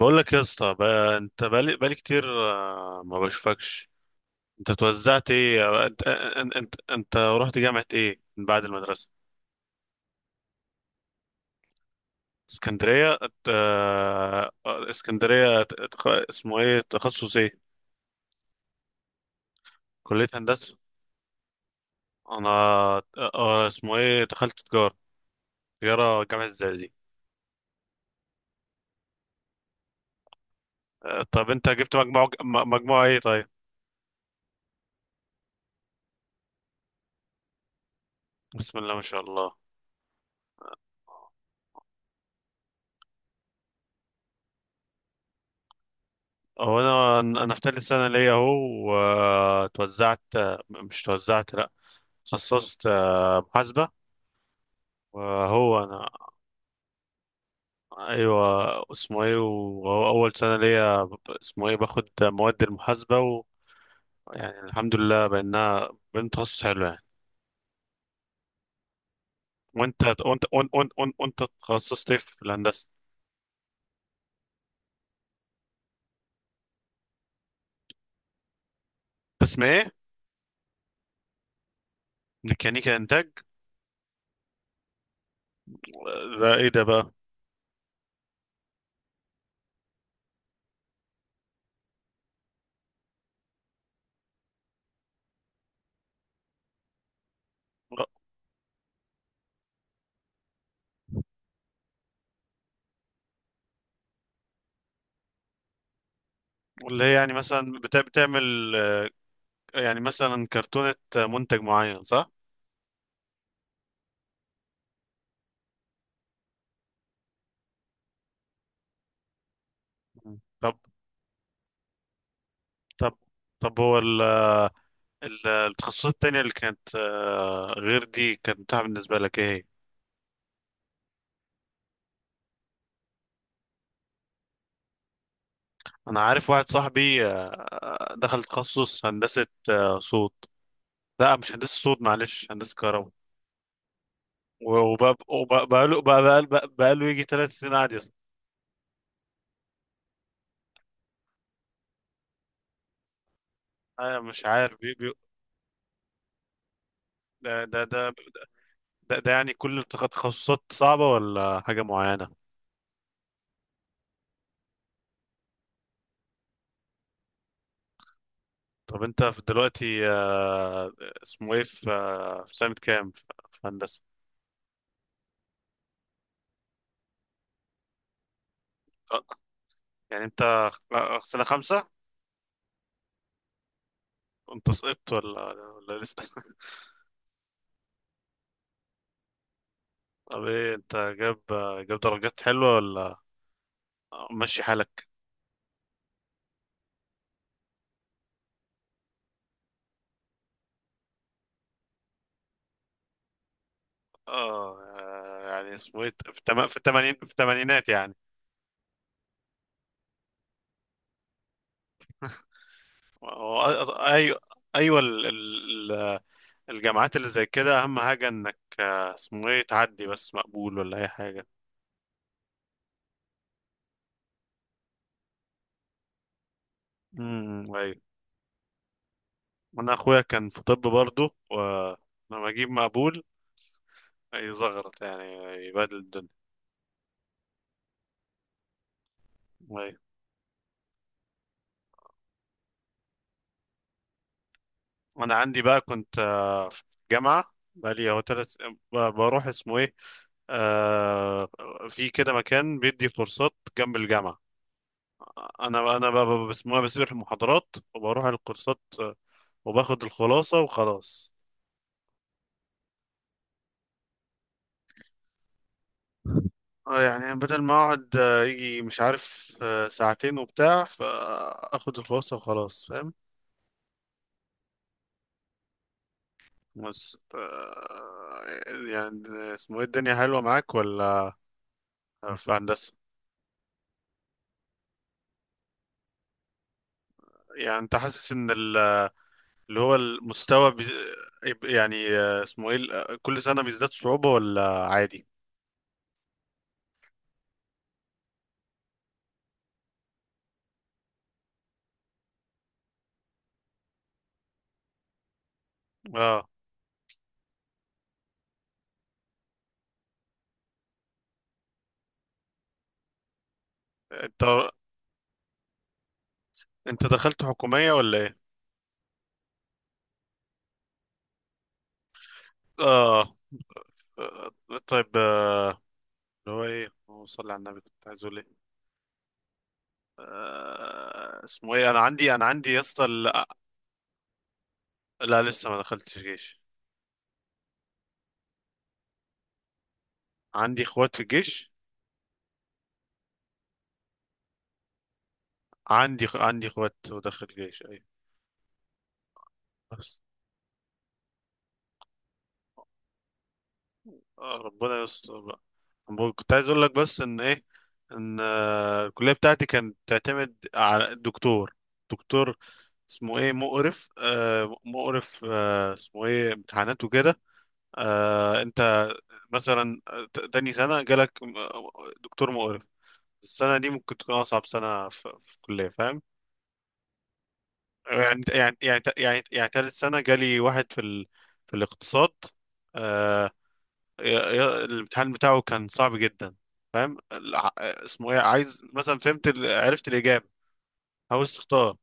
بقول لك يا اسطى بقى، انت بقالي كتير، ما بشوفكش. انت توزعت ايه؟ انت رحت جامعة ايه من بعد المدرسة؟ اسكندرية اسكندرية اسمه ايه، تخصص ايه؟ كلية هندسة. انا اسمه ايه، دخلت تجارة. تجارة، جامعة الزقازيق. طب انت جبت مجموعة ايه طيب؟ بسم الله ما شاء الله. هو انا في تالت سنة ليا اهو. وتوزعت. مش توزعت، لا. خصصت محاسبة. وهو أنا. أيوة. اسمه إيه، وهو أول سنة ليا، اسمه إيه، باخد مواد المحاسبة. ويعني الحمد لله بأن تخصص حلو يعني. وأنت. وأنت تخصصت إيه في الهندسة؟ قسم إيه؟ ميكانيكا إنتاج. ده إيه ده بقى؟ اللي هي يعني مثلا بتعمل، يعني مثلا كرتونة منتج معين، صح؟ مم. طب طب طب هو التخصصات التانية اللي كانت، غير دي، كانت متاحة بالنسبة لك ايه هي؟ انا عارف واحد صاحبي دخل تخصص هندسة صوت. لا، مش هندسة صوت، معلش، هندسة كهرباء. وبقاله بقاله بقاله بقاله يجي 3 سنين قاعد يصل. انا مش عارف بي بي ده ده ده ده يعني كل التخصصات صعبة ولا حاجة معينة؟ طب انت في دلوقتي، اسمه ايه، في سنة كام في في هندسة؟ آه، يعني انت سنة خمسة؟ انت سقطت ولا لسه؟ طب ايه، انت جاب درجات حلوة، ولا ماشي حالك؟ اه، يعني اسمه ايه في التمانينات يعني. ايوه، ايوه، الجامعات اللي زي كده اهم حاجة انك اسمه ايه تعدي بس مقبول ولا اي حاجة. ايوه. انا اخويا كان في طب برضه، ولما اجيب مقبول يزغرط يعني، يبهدل الدنيا. أيوة. انا عندي بقى، كنت في جامعه، بقالي هو تلت، بروح اسمه ايه، آه في كده مكان بيدي كورسات جنب الجامعه. انا بقى بقى- بسموها بسيب المحاضرات وبروح على الكورسات، وباخد الخلاصه وخلاص. اه، يعني بدل ما اقعد يجي مش عارف ساعتين وبتاع، فاخد الخلاصه وخلاص، فاهم؟ بس يعني اسمه ايه، الدنيا حلوه معاك ولا في هندسه؟ يعني انت حاسس ان ال اللي هو المستوى يعني اسمه ايه كل سنة بيزداد صعوبة ولا عادي؟ اه. انت انت دخلت حكومية ولا ايه؟ اه. طيب، اللي هو ايه، هو صلي على النبي، كنت عايز اقول ايه؟ اسمه ايه، انا عندي يا اسطى. لا، لا، لسه ما دخلتش جيش. عندي اخوات في الجيش. عندي اخوات ودخل جيش. ايوه. ربنا يستر بقى. أنا كنت عايز اقول لك بس ان ايه، ان الكليه بتاعتي كانت تعتمد على الدكتور. دكتور اسمه ايه، مقرف، مقرف، اسمه ايه، امتحانات وكده. انت مثلا تاني سنه جالك دكتور مقرف، السنه دي ممكن تكون اصعب سنه في الكليه، فاهم؟ يعني تالت سنه جالي واحد في في الاقتصاد. آه، الامتحان بتاعه كان صعب جدا، فاهم؟ اسمه ايه، عايز مثلا عرفت الاجابه، عاوز تختار،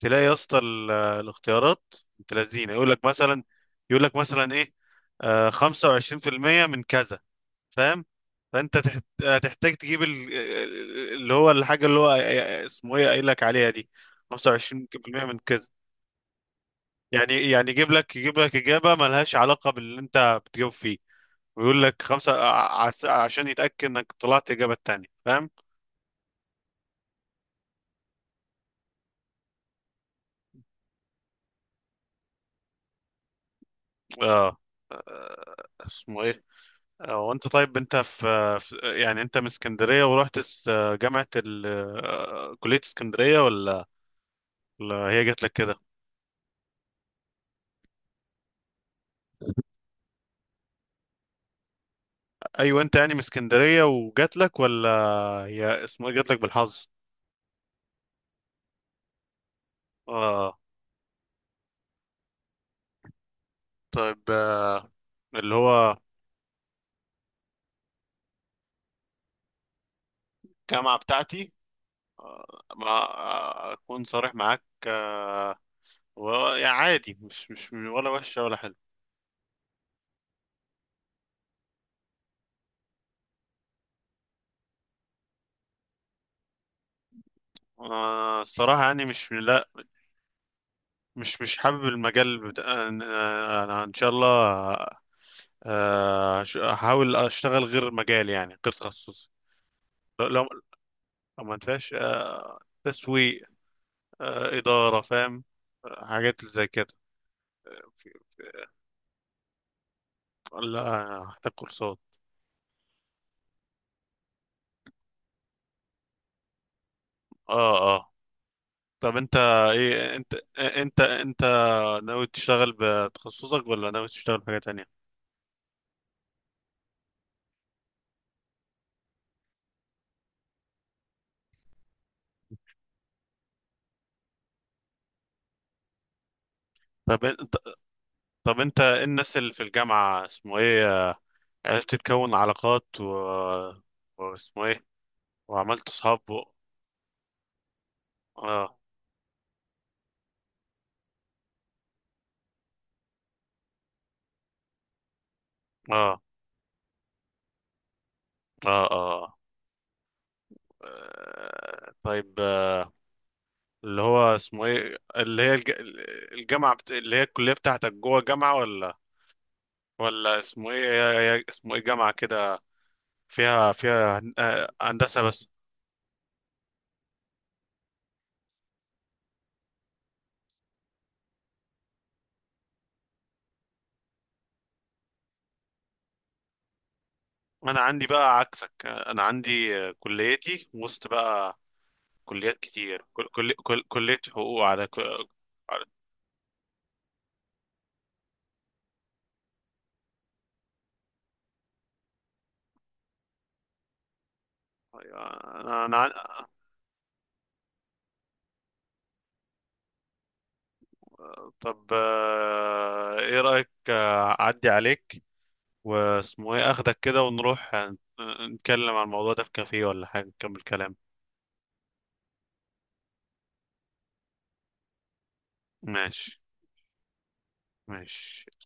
تلاقي يا اسطى الاختيارات، انت لذينه، يقول لك مثلا ايه، 25% من كذا، فاهم؟ فانت تح- هتحتاج تجيب ال- اللي هو الحاجه اللي هو اسمه ايه قايل لك عليها دي، 25% من كذا. يعني يجيب لك اجابه ملهاش علاقه باللي انت بتجاوب فيه، ويقول لك خمسة عشان يتأكد انك طلعت اجابة التانية، فاهم. اه، اسمه ايه، وانت طيب، انت في يعني انت من اسكندرية ورحت جامعة ال... آه، كلية اسكندرية، ولا ولا هي جات لك كده؟ ايوه، انت يعني من اسكندرية وجات لك، ولا هي اسمه ايه جات لك بالحظ؟ اه. طيب، اللي هو، الجامعة بتاعتي، ما اكون صارح معاك، يعني عادي، مش ولا وحشة ولا. الصراحة يعني مش، لا، مش حابب المجال بتاع. أنا إن شاء الله هحاول أشتغل غير مجالي، يعني غير تخصصي. لو لو لو ما فيهاش تسويق، إدارة، فاهم، حاجات زي كده، في- في- لا، هحتاج كورسات. اه، اه. طب انت، ايه، انت ناوي تشتغل بتخصصك ولا ناوي تشتغل بحاجة تانية؟ طب انت طب انت إيه الناس اللي في الجامعة، اسمه ايه، عرفت تكون علاقات واسمه ايه، وعملت صحاب آه, اه، اه، اه. طيب، اللي هو اسمه ايه، اللي هي اللي هي الكلية بتاعتك جوه جامعة، ولا ولا اسمه ايه، اسمه ايه جامعة كده، فيها هندسة بس؟ انا عندي بقى عكسك، آه، انا عندي آه، كليتي وسط بقى، كليات كتير، كلية حقوق، على ك- على- انا انا طب، ايه رأيك اعدي عليك واسمه ايه اخدك كده، ونروح نتكلم عن الموضوع ده في كافيه ولا حاجة، نكمل كلام. ماشي، ماشي.